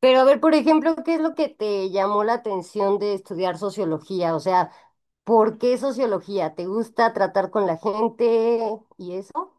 Pero a ver, por ejemplo, ¿qué es lo que te llamó la atención de estudiar sociología? O sea, ¿por qué sociología? ¿Te gusta tratar con la gente y eso?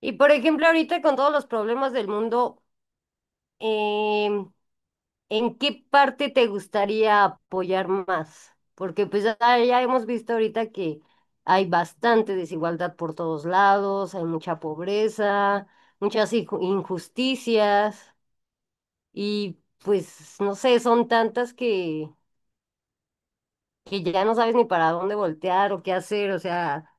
Y por ejemplo, ahorita con todos los problemas del mundo, em, ¿en qué parte te gustaría apoyar más? Porque pues ya hemos visto ahorita que hay bastante desigualdad por todos lados, hay mucha pobreza, muchas injusticias y pues no sé, son tantas que ya no sabes ni para dónde voltear o qué hacer, o sea,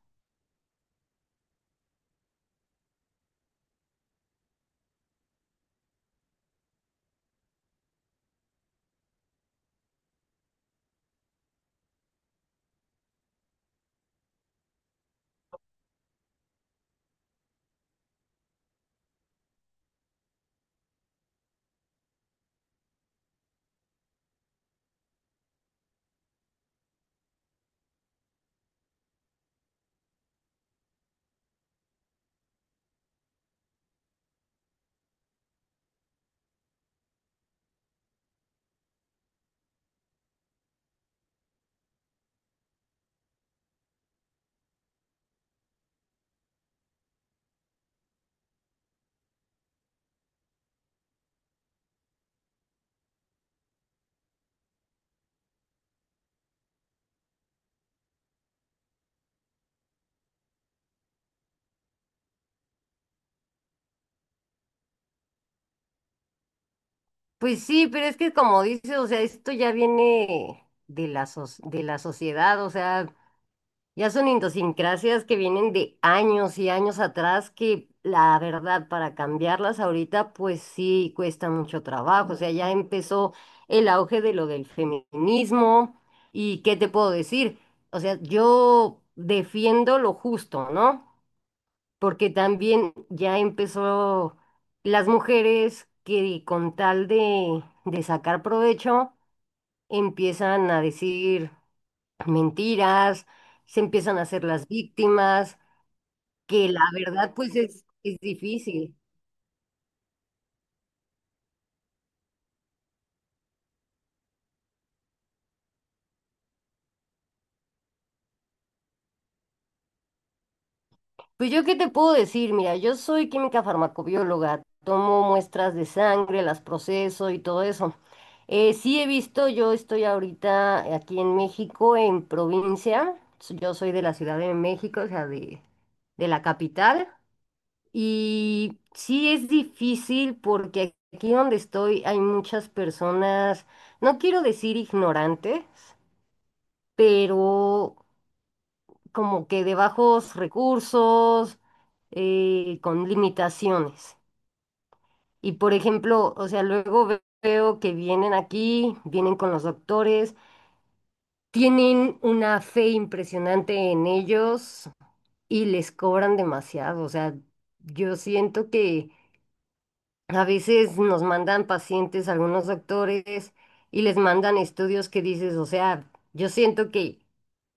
pues sí, pero es que como dices, o sea, esto ya viene de de la sociedad, o sea, ya son idiosincrasias que vienen de años y años atrás que la verdad para cambiarlas ahorita pues sí cuesta mucho trabajo. O sea, ya empezó el auge de lo del feminismo y ¿qué te puedo decir? O sea, yo defiendo lo justo, ¿no? Porque también ya empezó las mujeres que con tal de sacar provecho empiezan a decir mentiras, se empiezan a hacer las víctimas, que la verdad pues es difícil. Pues yo qué te puedo decir, mira, yo soy química farmacobióloga, tomo muestras de sangre, las proceso y todo eso. Sí he visto, yo estoy ahorita aquí en México, en provincia, yo soy de la Ciudad de México, o sea, de la capital, y sí es difícil porque aquí donde estoy hay muchas personas, no quiero decir ignorantes, pero como que de bajos recursos, con limitaciones. Y por ejemplo, o sea, luego veo que vienen aquí, vienen con los doctores, tienen una fe impresionante en ellos y les cobran demasiado. O sea, yo siento que a veces nos mandan pacientes, algunos doctores, y les mandan estudios que dices, o sea, yo siento que...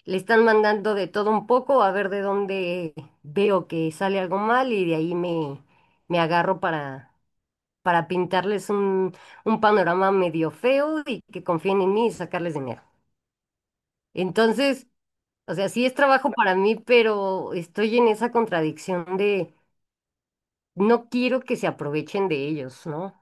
Le están mandando de todo un poco a ver de dónde veo que sale algo mal y de ahí me, me agarro para pintarles un panorama medio feo y que confíen en mí y sacarles dinero. Entonces, o sea, sí es trabajo para mí, pero estoy en esa contradicción de no quiero que se aprovechen de ellos, ¿no?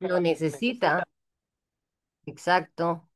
Lo necesita, exacto.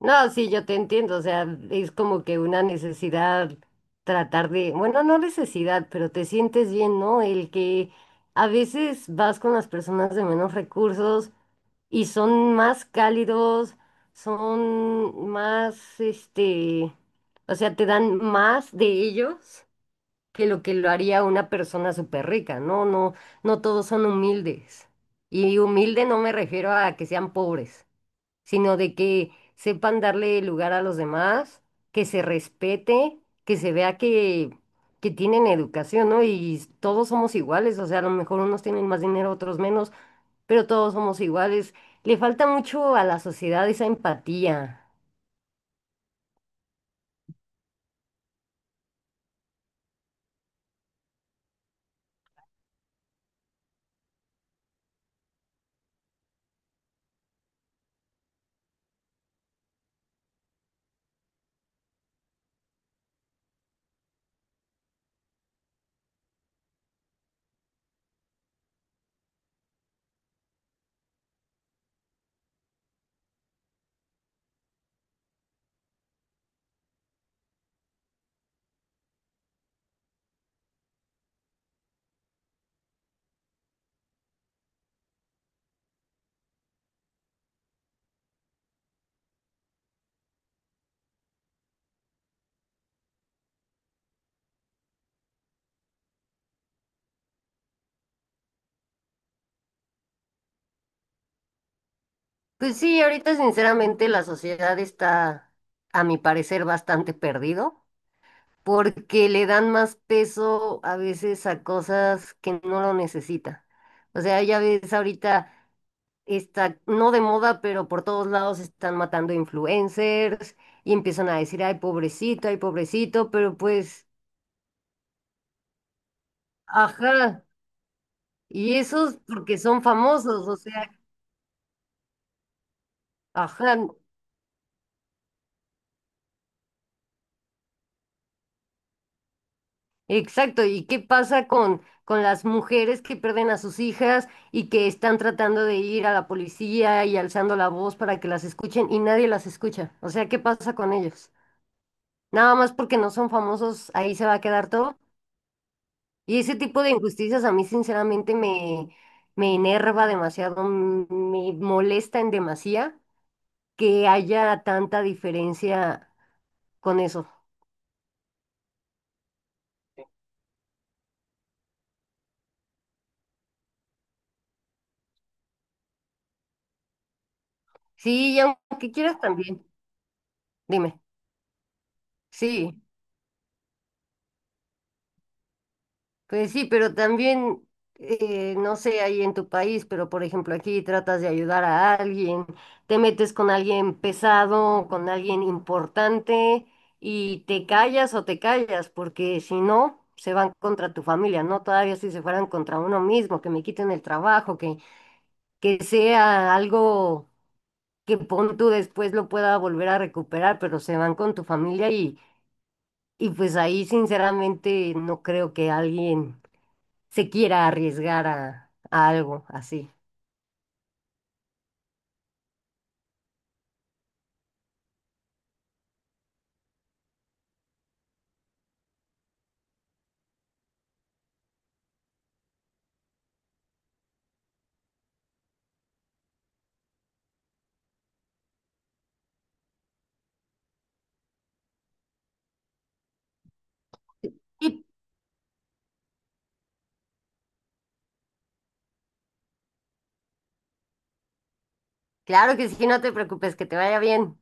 No, sí, yo te entiendo, o sea, es como que una necesidad tratar de, bueno, no necesidad, pero te sientes bien, ¿no? El que a veces vas con las personas de menos recursos y son más cálidos, son más, este, o sea, te dan más de ellos que lo haría una persona súper rica, ¿no? No, no todos son humildes. Y humilde no me refiero a que sean pobres sino de que sepan darle lugar a los demás, que se respete, que se vea que tienen educación, ¿no? Y todos somos iguales, o sea, a lo mejor unos tienen más dinero, otros menos, pero todos somos iguales. Le falta mucho a la sociedad esa empatía. Pues sí, ahorita sinceramente la sociedad está, a mi parecer, bastante perdido, porque le dan más peso a veces a cosas que no lo necesita. O sea, ya ves ahorita está no de moda, pero por todos lados están matando influencers y empiezan a decir, ay, pobrecito, pero pues, ajá, y esos porque son famosos, o sea, ajá, exacto. ¿Y qué pasa con las mujeres que pierden a sus hijas y que están tratando de ir a la policía y alzando la voz para que las escuchen y nadie las escucha? O sea, ¿qué pasa con ellos? Nada más porque no son famosos, ahí se va a quedar todo. Y ese tipo de injusticias a mí sinceramente me, me enerva demasiado, me molesta en demasía que haya tanta diferencia con eso. Sí, y aunque quieras también, dime, sí. Pues sí, pero también, no sé, ahí en tu país, pero por ejemplo aquí tratas de ayudar a alguien, te metes con alguien pesado, con alguien importante y te callas o te callas, porque si no, se van contra tu familia, ¿no? Todavía si se fueran contra uno mismo, que me quiten el trabajo, que sea algo que pon tú después lo pueda volver a recuperar, pero se van con tu familia y pues ahí sinceramente no creo que alguien se quiera arriesgar a algo así. Y claro que sí, no te preocupes, que te vaya bien.